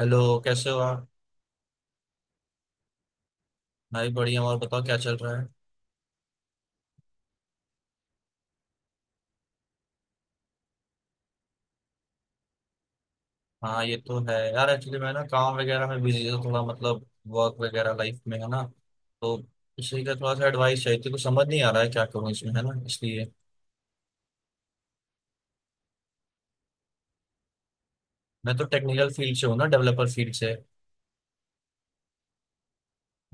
Hello. कैसे हो आप? भाई बढ़िया। और बताओ, क्या चल रहा है? हाँ, ये तो है यार। एक्चुअली मैं ना काम वगैरह में बिजी था, थोड़ा मतलब वर्क वगैरह, लाइफ में है ना। तो उसी का थोड़ा सा एडवाइस चाहिए थी, कुछ समझ नहीं आ रहा है क्या करूँ इसमें, है ना, इसलिए। मैं तो टेक्निकल फील्ड से हूँ ना, डेवलपर फील्ड से।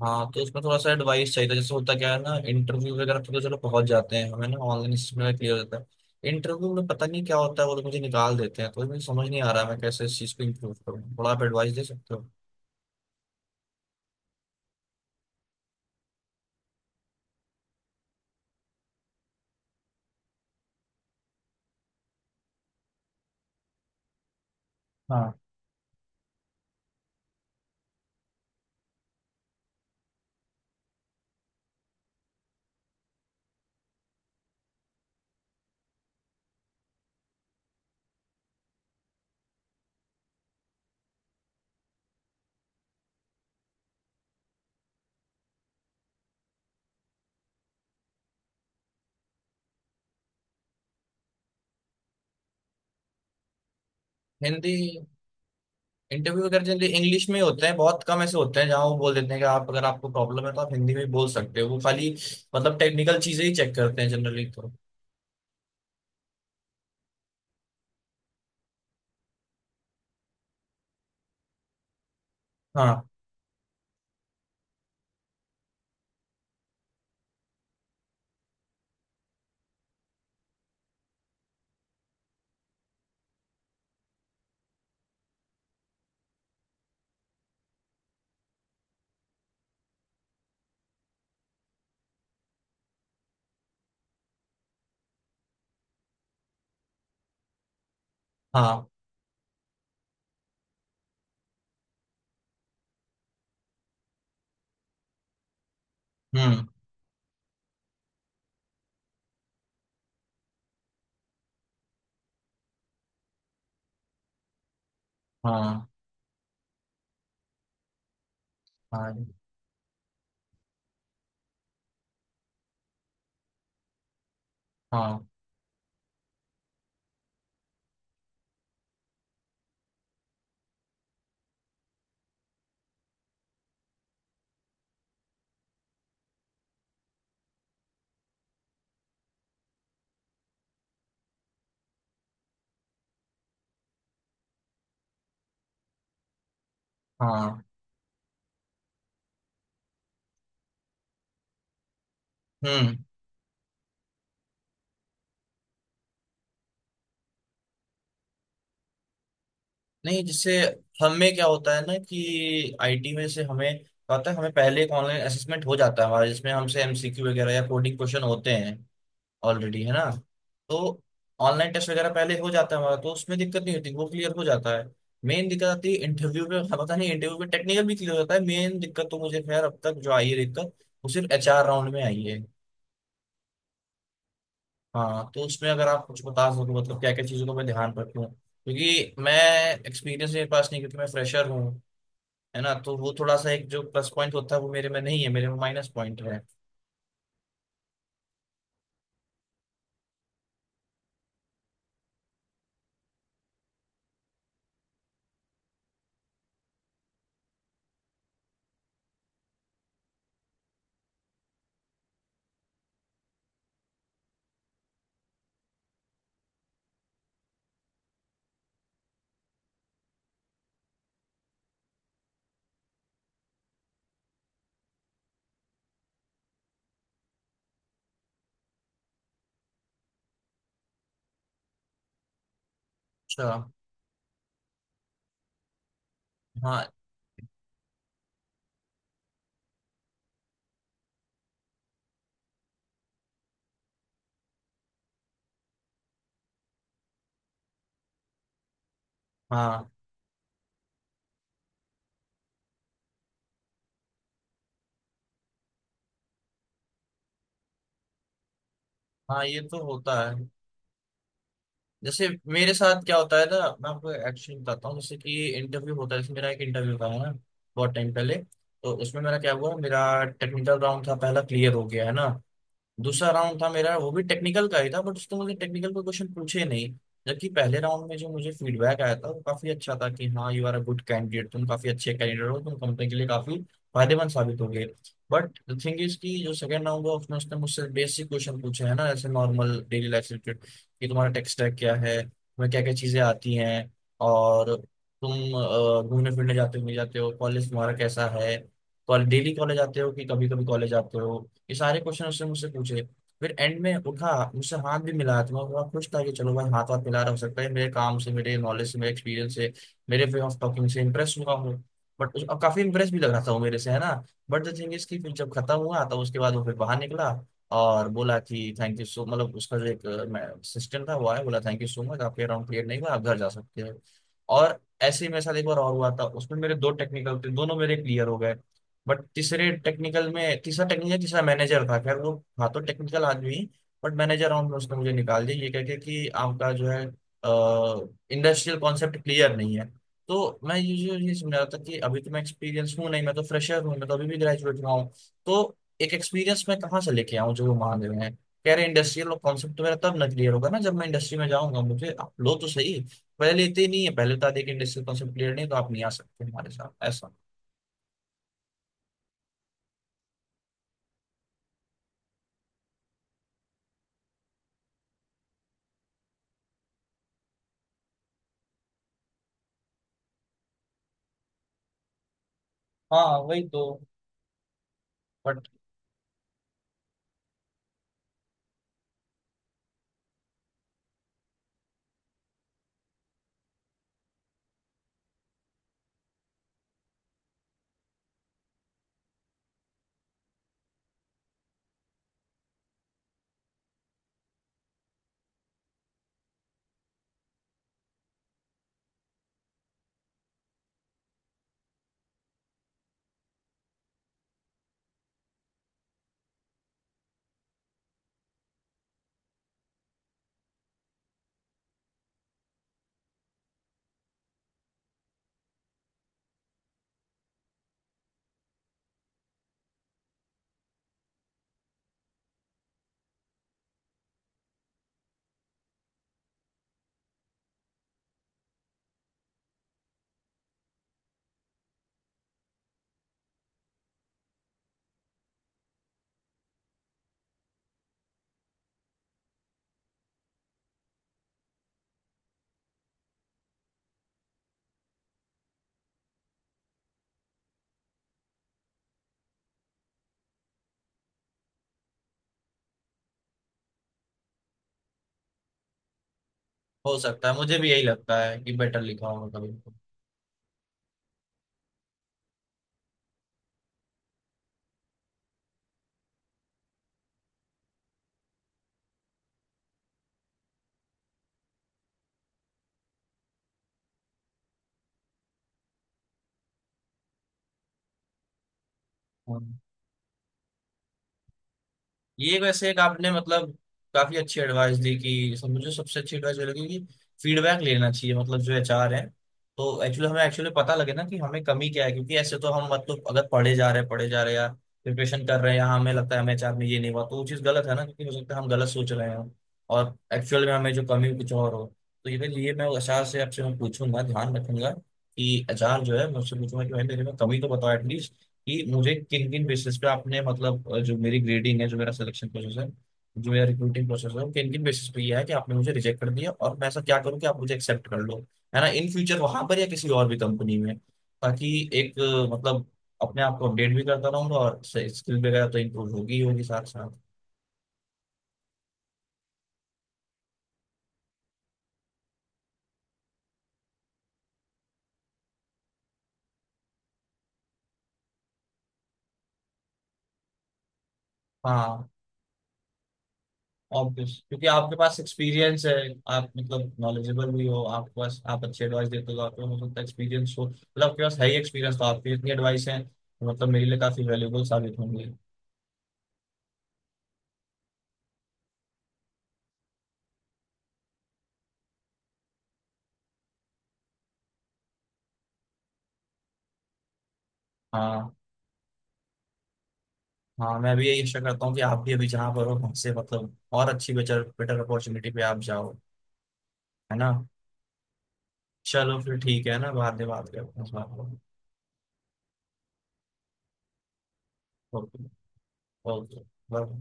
हाँ, तो उसमें थोड़ा सा एडवाइस चाहिए था। जैसे होता क्या है ना, इंटरव्यू वगैरह पे तो चलो पहुंच जाते हैं हमें, ना ऑनलाइन इसमें क्लियर होता है। इंटरव्यू में पता नहीं क्या होता है, वो लोग मुझे निकाल देते हैं। तो मुझे समझ नहीं आ रहा है मैं कैसे इस चीज़ को इम्प्रूव करूँ, थोड़ा आप एडवाइस दे सकते हो? हाँ। हिंदी। इंटरव्यू अगर जनरली इंग्लिश में ही होते हैं, बहुत कम ऐसे होते हैं जहाँ वो बोल देते हैं कि आप, अगर आपको प्रॉब्लम है तो आप हिंदी में भी बोल सकते हो। वो खाली मतलब टेक्निकल चीजें ही चेक करते हैं जनरली तो। हाँ। हाँ। हम्म। हाँ। हाँ। हाँ। हाँ। हम्म। नहीं, जैसे हमें क्या होता है ना, कि आईटी में से हमें क्या होता है, हमें पहले एक ऑनलाइन असेसमेंट हो जाता है हमारा, जिसमें हमसे एमसीक्यू वगैरह या कोडिंग क्वेश्चन होते हैं ऑलरेडी, है ना। तो ऑनलाइन टेस्ट वगैरह पहले हो जाता है हमारा, तो उसमें दिक्कत नहीं होती, वो क्लियर हो जाता है। मेन दिक्कत आती है इंटरव्यू में। हाँ, पता नहीं, इंटरव्यू में टेक्निकल भी क्लियर होता है। मेन दिक्कत तो मुझे खैर अब तक जो आई है दिक्कत, वो सिर्फ एचआर राउंड में आई है। हाँ, तो उसमें अगर आप कुछ बता सको मतलब क्या क्या चीज़ों को मैं ध्यान रखूँ, क्योंकि मैं एक्सपीरियंस मेरे पास नहीं, क्योंकि मैं फ्रेशर हूँ। है ना, तो वो थोड़ा सा एक जो प्लस पॉइंट होता है वो मेरे में नहीं है, मेरे में माइनस पॉइंट है। अच्छा। हाँ। हाँ, हाँ, ये तो होता है। जैसे मेरे साथ क्या होता है ना, मैं आपको एक्चुअली बताता हूँ। जैसे कि इंटरव्यू होता है, जैसे मेरा एक इंटरव्यू था, है ना, बहुत टाइम पहले। तो उसमें मेरा क्या हुआ, मेरा टेक्निकल राउंड था पहला, क्लियर हो गया है ना। दूसरा राउंड था मेरा, वो भी टेक्निकल का ही था, बट उसमें मुझे टेक्निकल के क्वेश्चन पूछे नहीं। जबकि पहले राउंड में जो मुझे फीडबैक आया था वो काफी अच्छा था कि हाँ you are a good candidate, तुम काफी अच्छे कैंडिडेट हो, तुम कंपनी के लिए काफी फायदेमंद साबित होगे। बट द थिंग इज कि जो सेकंड राउंड हुआ, उसमें उसने मुझसे बेसिक क्वेश्चन पूछे, है ना, जैसे नॉर्मल डेली लाइफ से रिलेटेड। कि तुम्हारा टेक स्टैक क्या है, तुम्हें क्या क्या चीजें आती हैं, और तुम घूमने फिरने जाते हो नहीं जाते हो, कॉलेज तुम्हारा कैसा है, कॉलेज डेली कॉलेज आते हो कि कभी कभी कॉलेज आते हो। ये सारे क्वेश्चन उसने मुझसे पूछे। फिर एंड में उठा, मुझसे हाथ भी मिलाया, तो मैं बड़ा खुश था कि चलो भाई हाथ हाथ मिला रहा, हो सकता है मेरे काम से, मेरे नॉलेज से, मेरे एक्सपीरियंस से, मेरे वे ऑफ टॉकिंग से इंप्रेस हुआ हूँ। बट अब काफी इंप्रेस भी लग रहा था वो मेरे से, है ना। बट द थिंग इज कि फिर जब खत्म हुआ तब उसके बाद वो फिर बाहर निकला और बोला कि थैंक यू सो, मतलब उसका जो एक असिस्टेंट था वो आया, बोला थैंक यू सो मच, आपके अराउंड क्लियर नहीं हुआ, आप घर जा सकते हो। और ऐसे ही मेरे साथ एक बार और हुआ था, उसमें मेरे दो टेक्निकल थे, दोनों मेरे क्लियर हो गए। बट तीसरे टेक्निकल में, तीसरा टेक्निकल, तीसरा मैनेजर था, खैर वो था तो टेक्निकल आदमी, बट मैनेजर राउंड में उसने मुझे निकाल दिया ये कह के कि आपका जो है इंडस्ट्रियल कॉन्सेप्ट क्लियर नहीं है। तो मैं ये समझ रहा था कि अभी तो मैं एक्सपीरियंस हूँ नहीं, मैं तो फ्रेशर हूँ, मैं तो अभी भी ग्रेजुएट हुआ हूँ। तो एक एक्सपीरियंस मैं कहाँ से लेके आऊँ जो वो मांग रहे हैं, कह रहे इंडस्ट्रियल कॉन्सेप्ट। तो मेरा तब ना क्लियर होगा ना जब मैं इंडस्ट्री में जाऊंगा, मुझे आप लो तो सही। पहले लेते ही नहीं है, पहले बता दे कि इंडस्ट्रियल कॉन्सेप्ट क्लियर नहीं है, तो आप नहीं आ सकते हमारे साथ, ऐसा। हाँ वही तो। बट हो सकता है, मुझे भी यही लगता है कि बेटर लिखा होगा कभी। हाँ। ये वैसे एक आपने मतलब काफी अच्छी एडवाइस दी कि मुझे सबसे अच्छी एडवाइस ये लगी कि फीडबैक लेना चाहिए, मतलब जो एचआर है। तो एक्चुअली हमें एक्चुअली पता लगे ना कि हमें कमी क्या है, क्योंकि ऐसे तो हम मतलब अगर पढ़े जा रहे हैं पढ़े जा रहे हैं या प्रिपरेशन कर रहे हैं या हमें लगता है हमें एचआर में ये नहीं हुआ, तो वो चीज़ गलत है ना, क्योंकि हो सकता है हम गलत सोच रहे हैं और एक्चुअल में हमें जो कमी है, कुछ और हो। तो ये मैं एचआर से, आपसे मैं पूछूंगा, ध्यान रखूंगा कि एचआर जो है मुझसे पूछूंगा कि भाई मेरे में कमी तो बताओ एटलीस्ट, कि मुझे किन किन बेसिस पे आपने मतलब जो मेरी ग्रेडिंग है, जो मेरा सिलेक्शन प्रोसेस है, जो मेरा रिक्रूटिंग प्रोसेस है, वो किन किन बेसिस पे ये है कि आपने मुझे रिजेक्ट कर दिया, और मैं ऐसा क्या करूँ कि आप मुझे एक्सेप्ट कर लो, है ना, इन फ्यूचर वहां पर या किसी और भी कंपनी में। ताकि एक मतलब अपने आप को अपडेट भी करता रहूंगा और स्किल वगैरह तो इम्प्रूव होगी ही होगी साथ साथ। हाँ ऑब्वियस, क्योंकि आपके पास एक्सपीरियंस है, आप मतलब नॉलेजेबल भी हो, आपके पास, आप अच्छी एडवाइस देते हो, आपके पास हो सकता है एक्सपीरियंस हो, मतलब आपके पास है ही एक्सपीरियंस तो, आपकी इतनी एडवाइस है मतलब मेरे लिए काफी वैल्यूबल साबित होंगी। हाँ। हाँ, मैं भी यही आशा करता हूँ कि आप भी अभी जहाँ पर हो वहाँ से मतलब और अच्छी बेटर बेटर अपॉर्चुनिटी पे आप जाओ, है ना। चलो फिर ठीक है ना, बाद में बात करते हैं इस बात पर। ओके। ओके। बाय।